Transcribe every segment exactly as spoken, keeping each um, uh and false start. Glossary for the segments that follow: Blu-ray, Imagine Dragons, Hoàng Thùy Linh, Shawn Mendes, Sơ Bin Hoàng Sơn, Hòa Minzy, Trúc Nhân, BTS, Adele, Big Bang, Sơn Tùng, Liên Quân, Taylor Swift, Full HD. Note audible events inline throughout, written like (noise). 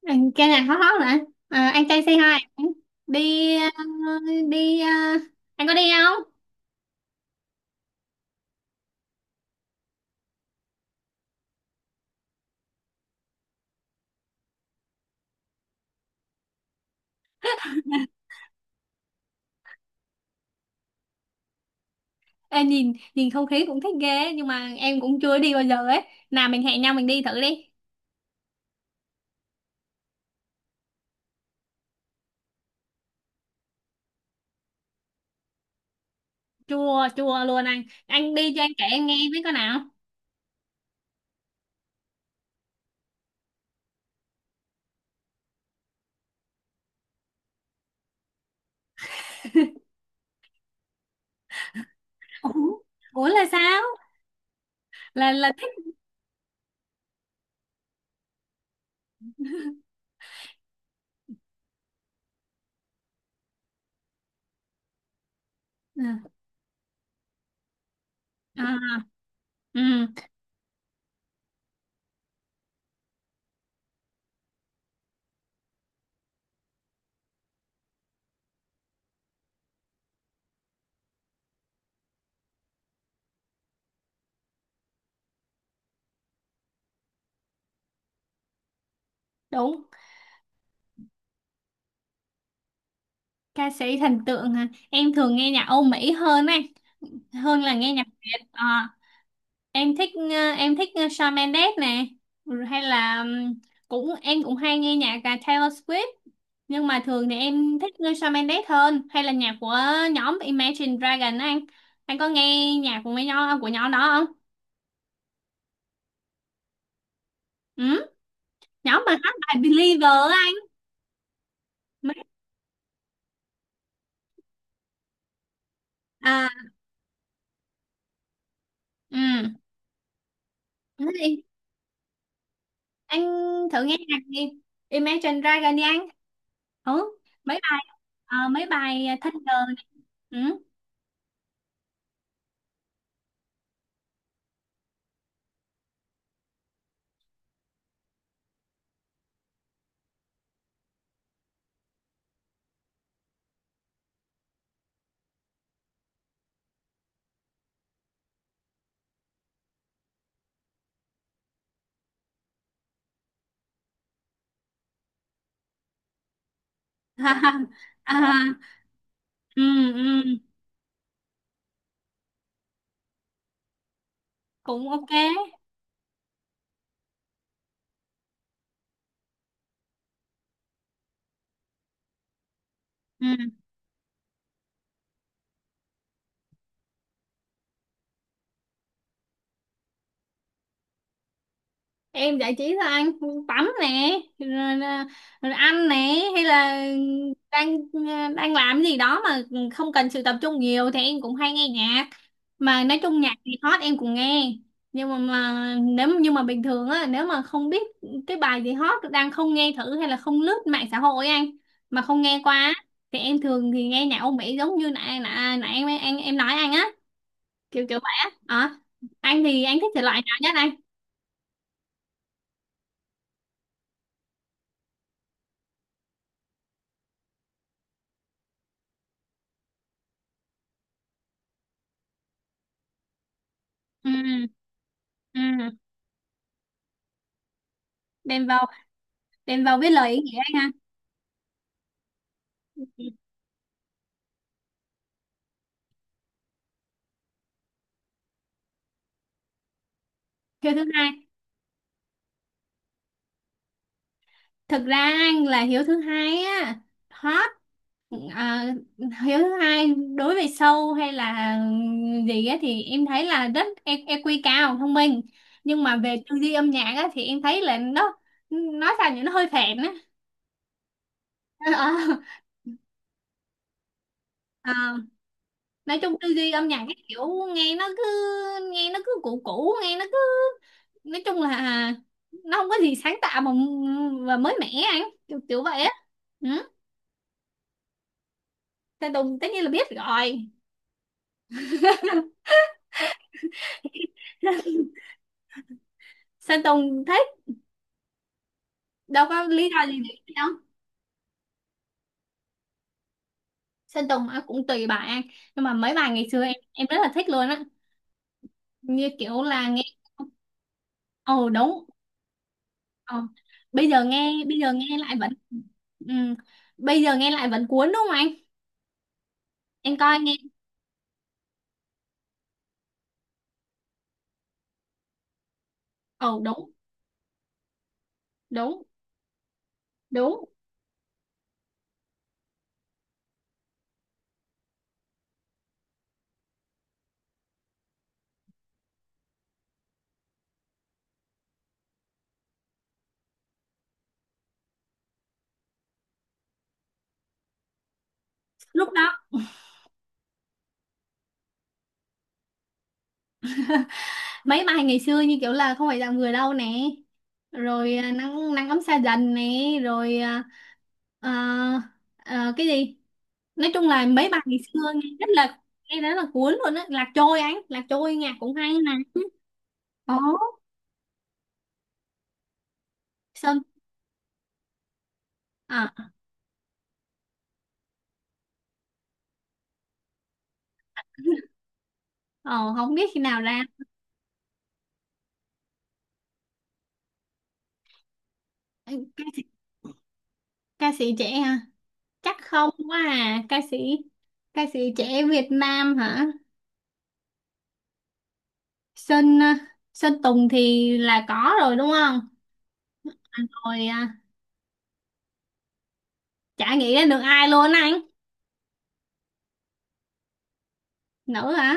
Ừ, cái này hot hot rồi, à, anh trai say hi. đi ờ, đi ờ, anh có đi không? Ê, nhìn nhìn không khí cũng thích ghê nhưng mà em cũng chưa đi bao giờ ấy. Nào mình hẹn nhau mình đi thử đi. Chua chua luôn, anh anh đi cho anh kể em nghe với coi nào. Ủa, ủa là sao? là là thích. À, à, ừ, đúng. Ca sĩ thần tượng hả? Em thường nghe nhạc Âu Mỹ hơn anh, hơn là nghe nhạc Việt. Ờ, em thích ờ, em thích ờ, Shawn Mendes nè. Ừ, hay là ừm, cũng em cũng hay nghe nhạc cả Taylor Swift, nhưng mà thường thì em thích nghe Shawn Mendes hơn, hay là nhạc của nhóm Imagine Dragon á anh. Anh có nghe nhạc của mấy nhóm của nhóm đó không? Ừ? Nhóm mà hát bài Believer á anh. Mấy- à, ừ. Thế thì anh thử nghe nhạc đi, Imagine Dragon đi anh. Ừ, mấy bài, ờ, mấy bài Thunder này. Ừ. (laughs) À, ừ, ừ, cũng ok. Ừ. Em giải trí là anh tắm nè, rồi, là- rồi ăn nè, hay là đang ờ, đang làm gì đó mà không cần sự tập trung nhiều thì em cũng hay nghe nhạc. Mà nói chung nhạc thì hot em cũng nghe, nhưng mà, mà nếu nhưng mà bình thường á, nếu mà không biết cái bài gì hot đang không nghe thử, hay là không lướt mạng xã hội anh mà không nghe qua á, thì em thường thì nghe nhạc Âu Mỹ, giống như nãy nãy nãy em em, em nói anh á, kiểu kiểu vậy á. Ờ. Anh thì anh thích thể loại nào nhất anh? Ừ. Ừ. Đem vào, đem vào viết lời ý nghĩa anh ha. Ừ. Hiếu thứ hai, thực ra anh là hiếu thứ hai á hot. À, hiếu thứ hai đối với sâu hay là gì á thì em thấy là rất e- i kiu cao, thông minh, nhưng mà về tư duy âm nhạc á thì em thấy là nó nói sao nhỉ, nó hơi phèn á. (laughs) Ờ, ờ. Nói chung tư duy âm nhạc cái kiểu nghe nó cứ, nghe nó cứ cũ cũ nghe nó cứ, nói chung là nó không có gì sáng tạo mà và mới mẻ anh, kiểu, kiểu vậy á. Ừ. Sơn Tùng tất nhiên là biết rồi. (laughs) Sơn Tùng thích, đâu có lý do gì để đâu. Sơn Tùng à, cũng tùy bài anh, nhưng mà mấy bài ngày xưa em em rất là thích luôn á, như kiểu là nghe. Ồ đúng. Ờ. Bây giờ nghe bây giờ nghe lại vẫn, ừ. Bây giờ nghe lại vẫn cuốn đúng không anh? Em coi nghe. Ồ đúng đúng đúng. Lúc đó mấy bài ngày xưa như kiểu là không phải dạng người đâu nè, rồi à, nắng nắng ấm xa dần nè, rồi à, à, à, cái gì, nói chung là mấy bài ngày xưa nghe rất là, nghe rất là cuốn luôn á. Lạc trôi anh, lạc trôi nhạc cũng hay nè. Ồ Sơn, à, ồ. (laughs) Không biết khi nào ra. Ừ, ca sĩ, ca sĩ trẻ hả? Chắc không quá à ca sĩ, ca sĩ trẻ Việt Nam hả? Sinh à, Sinh Tùng thì là có rồi đúng không? À, rồi à, chả nghĩ đến được ai luôn á anh. Nữ hả?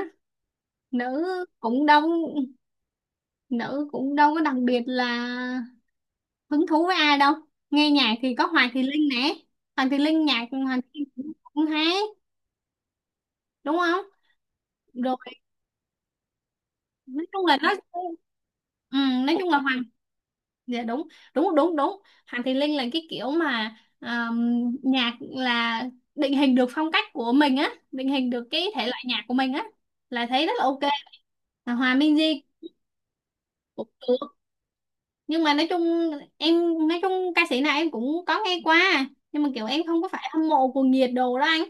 Nữ cũng đâu, nữ cũng đâu có đặc biệt là hứng thú với ai đâu. Nghe nhạc thì có Hoàng Thùy Linh nè. Hoàng Thùy Linh, nhạc Hoàng Thùy Linh cũng hay đúng không? Rồi, nói chung là nó, ừ, nói chung là, dạ đúng đúng đúng đúng. Hoàng Thùy Linh là cái kiểu mà um, nhạc là định hình được phong cách của mình á, định hình được cái thể loại nhạc của mình á, là thấy rất là ok. Và Hòa Minzy cũng được, nhưng mà nói chung em, nói chung ca sĩ này em cũng có nghe qua, nhưng mà kiểu em không có phải hâm mộ cuồng nhiệt đồ đó anh.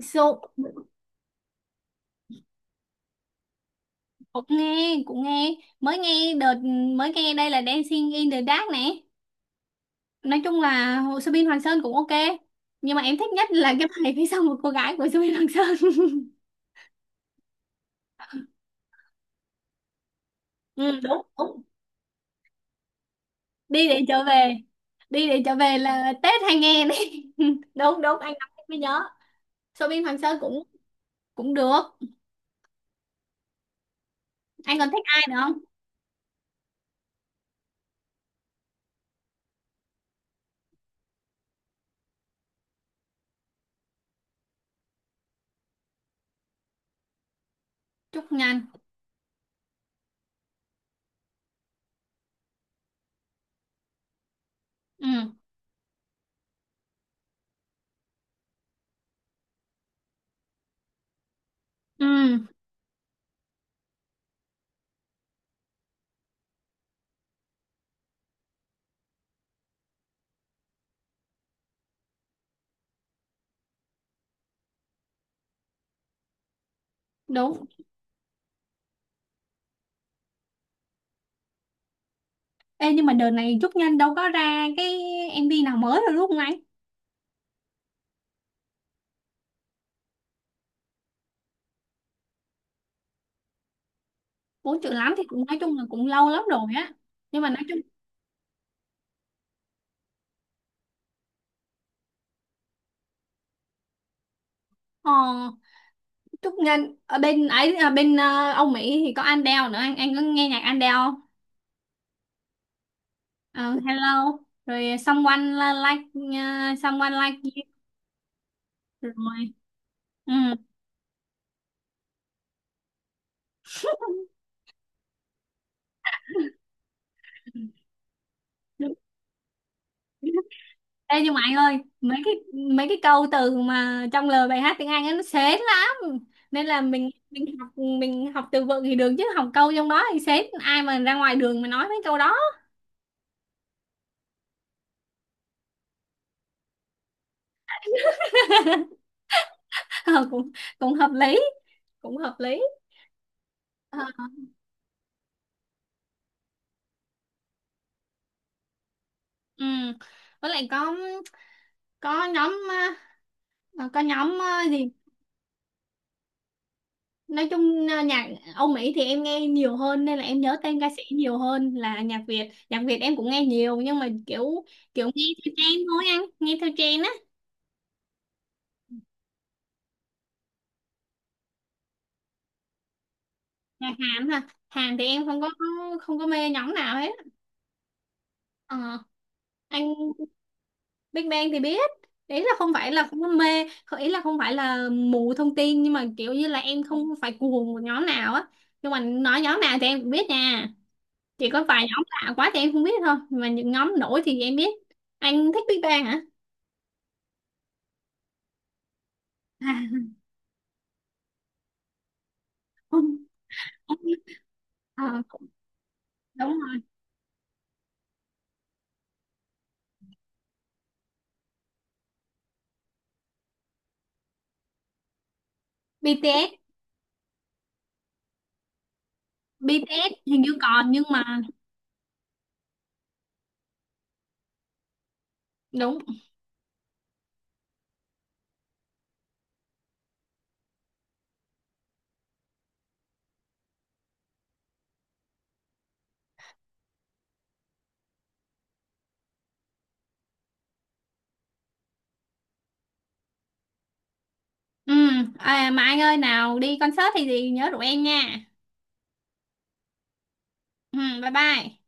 So, cũng nghe cũng nghe, mới nghe đợt, mới nghe đây là Dancing in the Dark nè. Nói chung là Hồ Sơ Bin Hoàng Sơn cũng ok, nhưng mà em thích nhất là cái bài phía sau một cô gái của Sơ Bin Hoàng Sơn. (laughs) Ừ, đúng đúng, đi để trở về, đi để trở về là Tết hay nghe đi. (laughs) Đúng đúng, anh đọc em mới nhớ. Sơ Bin Hoàng Sơn cũng, cũng được. Anh còn thích ai nữa không? Trúc Nhân. Ừ. Ừ. Đúng. Ê, nhưng mà đợt này Trúc Nhân đâu có ra cái em MV nào mới rồi đúng không anh? Bốn chữ lắm thì cũng nói chung là cũng lâu lắm rồi á. Nhưng mà nói chung, ờ, Trúc Ngân ở bên ấy, ở bên ờ, Âu Mỹ thì có Adele nữa anh. Anh có nghe nhạc Adele không? Ờ, Hello, rồi Someone Like, ờ, Someone Like You, rồi, ừ. Ê, nhưng mà anh ơi mấy cái, mấy cái câu từ mà trong lời bài hát tiếng Anh ấy, nó sến lắm, nên là mình mình học, mình học từ vựng thì được, chứ học câu trong đó thì sến, ai mà ra ngoài đường mà nói mấy câu đó. (laughs) Ờ, cũng, cũng hợp lý, cũng hợp lý. Ờ, ừ. Với lại có có nhóm ờ, ờ, có nhóm ờ, gì, nói chung ờ, nhạc Âu Mỹ thì em nghe nhiều hơn nên là em nhớ tên ca sĩ nhiều hơn, là nhạc Việt, nhạc Việt em cũng nghe nhiều nhưng mà kiểu, kiểu nghe theo trend thôi anh, nghe theo trend á. Nhạc Hàn hả? Hàn thì em không có, không có mê nhóm nào hết. Ờ, anh, Big Bang thì biết, ý là không phải là không có mê, không- ý là không phải là mù thông tin, nhưng mà kiểu như là em không phải cuồng một nhóm nào á, nhưng mà nói nhóm nào thì em cũng biết nha, chỉ có vài nhóm lạ quá thì em không biết thôi, mà những nhóm nổi thì em biết. Anh thích Big Bang hả? À, (laughs) không. Ờ, đúng rồi. bê tê ét. bê tê ét hình như còn nhưng mà đúng, ừ. À, mà anh ơi nào đi concert thì gì nhớ rủ em nha. Ừ, bye bye.